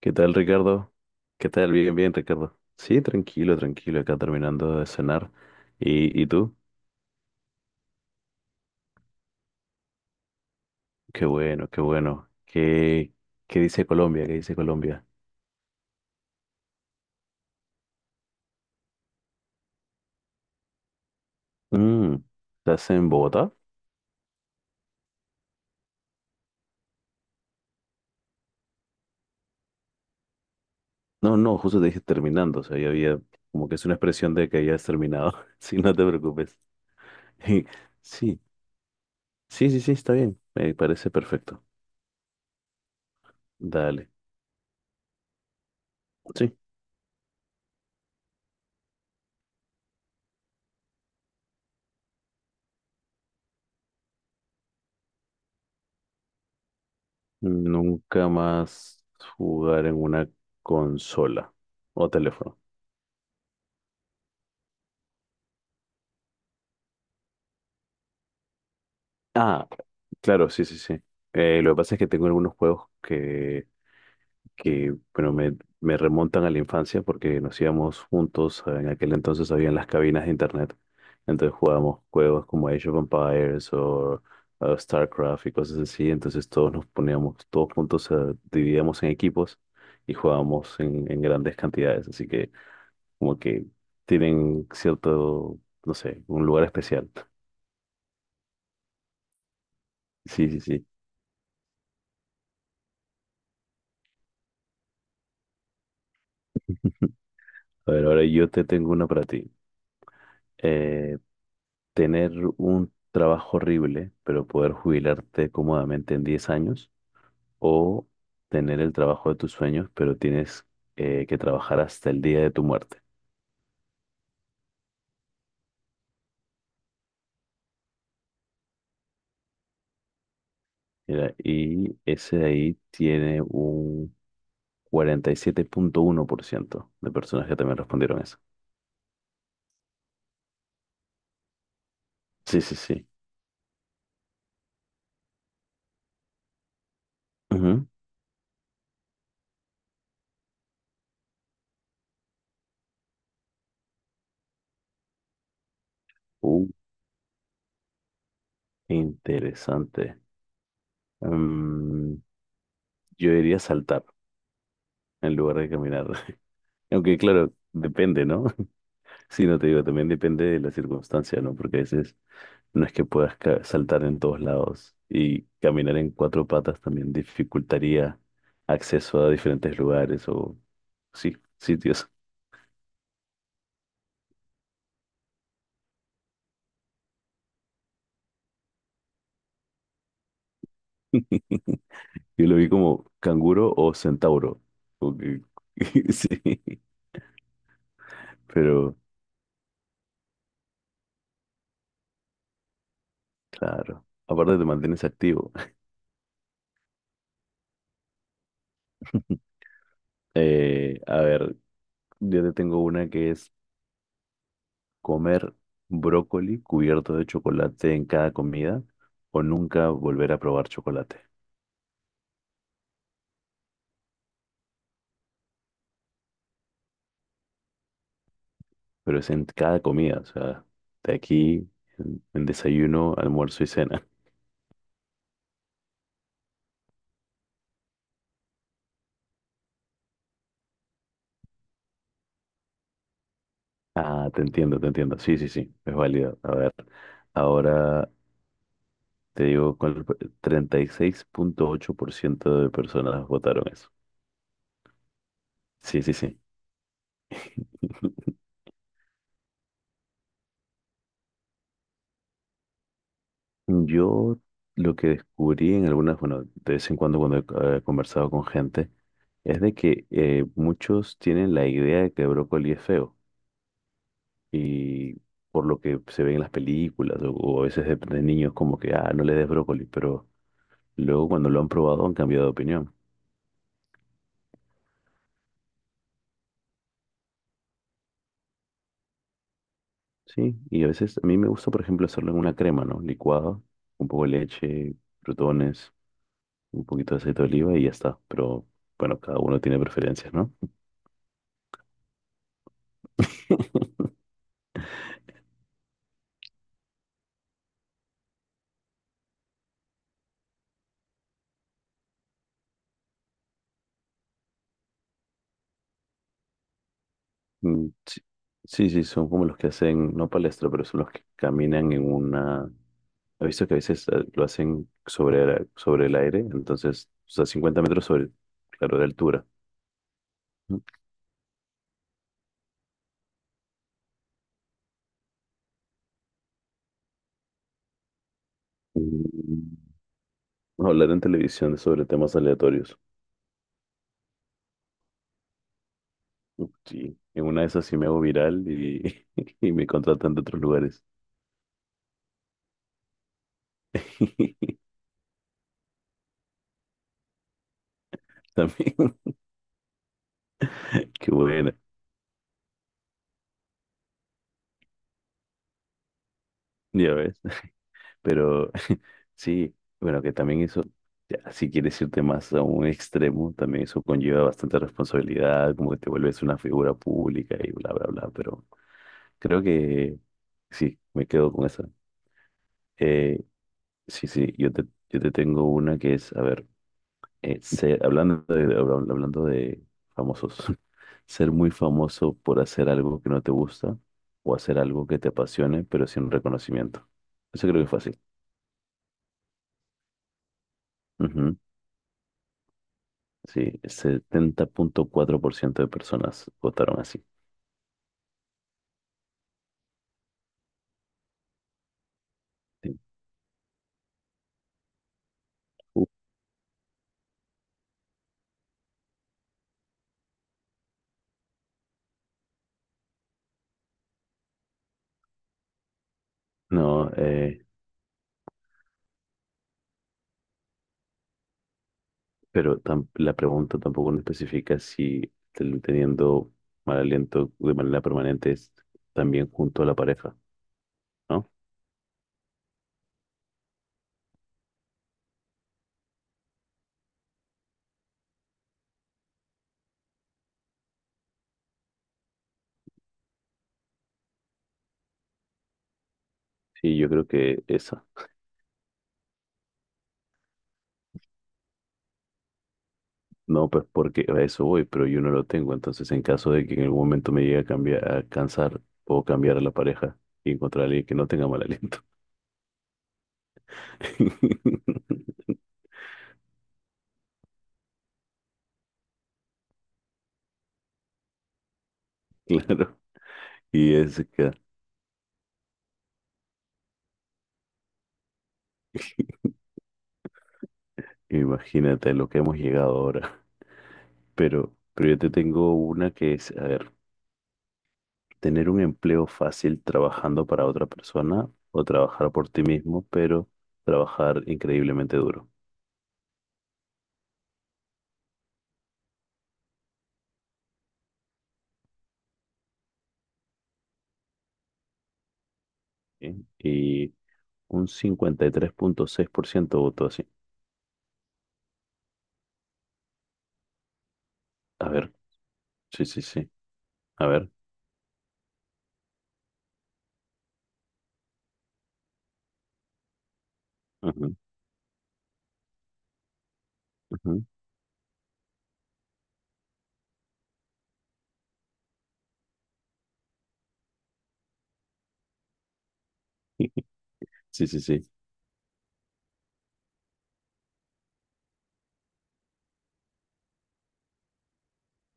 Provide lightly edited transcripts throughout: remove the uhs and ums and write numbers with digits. ¿Qué tal, Ricardo? ¿Qué tal? Bien, bien, Ricardo. Sí, tranquilo, tranquilo, acá terminando de cenar. ¿Y, tú? Qué bueno, qué bueno. ¿Qué, qué dice Colombia? ¿Qué dice Colombia? Mm, ¿estás en Bogotá? No, no, justo te dije terminando. O sea, ya había como que es una expresión de que ya has terminado. Sí, no te preocupes. Sí, sí, sí, sí, está bien. Me parece perfecto. Dale. Sí. Nunca más jugar en una consola o teléfono. Ah, claro, sí, sí, sí. Lo que pasa es que tengo algunos juegos que bueno, me remontan a la infancia porque nos íbamos juntos. En aquel entonces habían las cabinas de internet. Entonces jugábamos juegos como Age of Empires o StarCraft y cosas así. Entonces todos nos poníamos, todos juntos, dividíamos en equipos y jugábamos en grandes cantidades. Así que como que tienen cierto, no sé, un lugar especial. Sí, sí, sí. A ver, ahora yo te tengo una para ti. eh, Tener un trabajo horrible, pero poder jubilarte cómodamente en 10 años, o tener el trabajo de tus sueños, pero tienes que trabajar hasta el día de tu muerte. Mira, y ese de ahí tiene un 47,1% de personas que también respondieron eso. Sí, sí, sí. Ujú. Uh, interesante. Mm, yo diría saltar en lugar de caminar. Aunque claro, depende, ¿no? Sí, no te digo, también depende de la circunstancia, ¿no? Porque a veces no es que puedas saltar en todos lados y caminar en cuatro patas también dificultaría acceso a diferentes lugares o, sí, sitios. Yo lo vi como canguro o centauro. como que- Sí, pero claro, aparte te mantienes activo. A ver, yo te tengo una que es comer brócoli cubierto de chocolate en cada comida o nunca volver a probar chocolate. Pero es en cada comida, o sea, de aquí en desayuno, almuerzo y cena. Ah, te entiendo, te entiendo. Sí, sí, sí, es válido. A ver, ahora te digo, con el 36,8% de personas votaron eso. Sí, sí, sí. Yo lo que descubrí en algunas, bueno, de vez en cuando cuando he conversado con gente, es de que muchos tienen la idea de que el brócoli es feo y por lo que se ve en las películas o a veces de niños como que, ah, no le des brócoli, pero luego cuando lo han probado han cambiado de opinión. Sí, y a veces a mí me gusta, por ejemplo, hacerlo en una crema, ¿no? Licuado, un poco de leche, frutones, un poquito de aceite de oliva y ya está. Pero bueno, cada uno tiene preferencias, ¿no? Mm, sí, sí, sí, son como los que hacen, no palestra, pero son los que caminan en una... He visto que a veces lo hacen sobre, sobre el aire, entonces, o sea, 50 metros sobre, claro, de altura. Ujú. Mm, bueno, hablar en televisión sobre temas aleatorios. Uf, sí, en una de esas sí me hago viral y, y me contratan de otros lugares. También, qué buena, ya ves. Pero sí, bueno, que también eso, ya, si quieres irte más a un extremo, también eso conlleva bastante responsabilidad, como que te vuelves una figura pública y bla, bla, bla. Pero creo que sí, me quedo con esa. Eh, sí, sí, yo te tengo una que es, a ver, hablando de, hablando de famosos, ser muy famoso por hacer algo que no te gusta o hacer algo que te apasione, pero sin reconocimiento. Eso creo que es fácil. Sí, 70,4% de personas votaron así. Sí. Uh, no, pero la pregunta tampoco no especifica si teniendo mal aliento de manera permanente es también junto a la pareja, ¿no? Sí, yo creo que esa. No, pues porque a eso voy, pero yo no lo tengo. Entonces, en caso de que en algún momento me llegue a cambiar, a cansar, puedo cambiar a la pareja y encontrar a alguien que no tenga mal aliento. Claro. Y es que imagínate lo que hemos llegado ahora. Pero yo te tengo una que es, a ver, tener un empleo fácil trabajando para otra persona o trabajar por ti mismo, pero trabajar increíblemente duro. ¿Sí? Y un 53.6% votó así. A ver, sí, sí, sí. A ver. Ujú, ujú. Sí, sí, sí.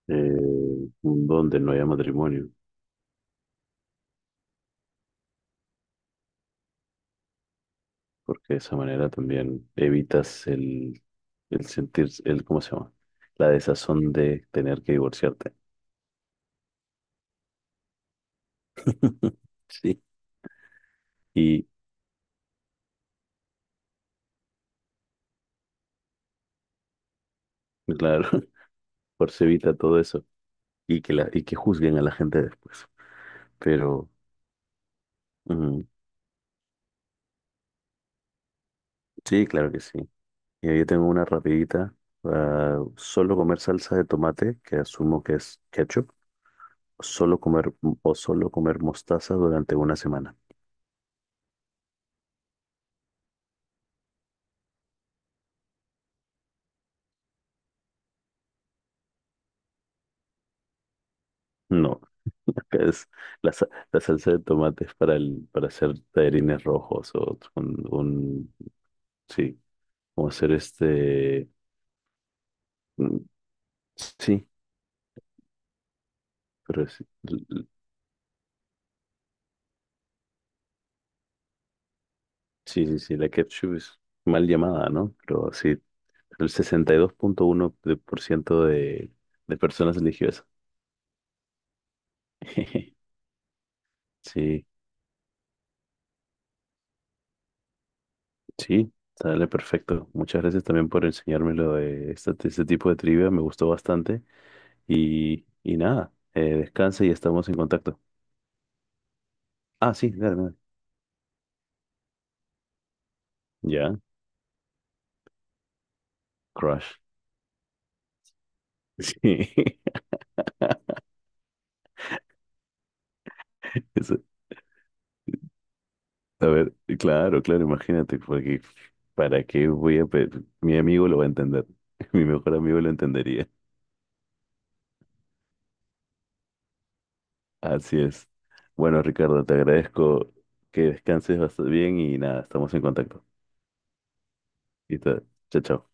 Eh, un don de no haya matrimonio, porque de esa manera también evitas el sentir, el, ¿cómo se llama? La desazón de tener que divorciarte. Sí. Y claro, por se evita todo eso. Y que, la, y que juzguen a la gente después. Pero mm, sí, claro que sí. Y yo tengo una rapidita. Ah, solo comer salsa de tomate, que asumo que es ketchup. Solo comer o solo comer mostaza durante una semana. No, acá es la, la salsa de tomate es para, el, para hacer tallarines rojos o un- sí, como hacer este, mm, sí, pero sí, sí, sí, la ketchup es mal llamada, ¿no? Pero sí, el 62.1% de, por ciento de personas religiosas Sí, sí, sale perfecto. Muchas gracias también por enseñarme lo de este tipo de trivia, me gustó bastante. Y nada, descansa y estamos en contacto. Ah, sí, dale, dale. Ya, crush. Sí, eso. A ver, claro, claro, imagínate, porque ¿para qué voy a pe- mi amigo lo va a entender, mi mejor amigo lo entendería. Así es. Bueno, Ricardo, te agradezco que descanses bastante bien y nada, estamos en contacto. Y chao, chao.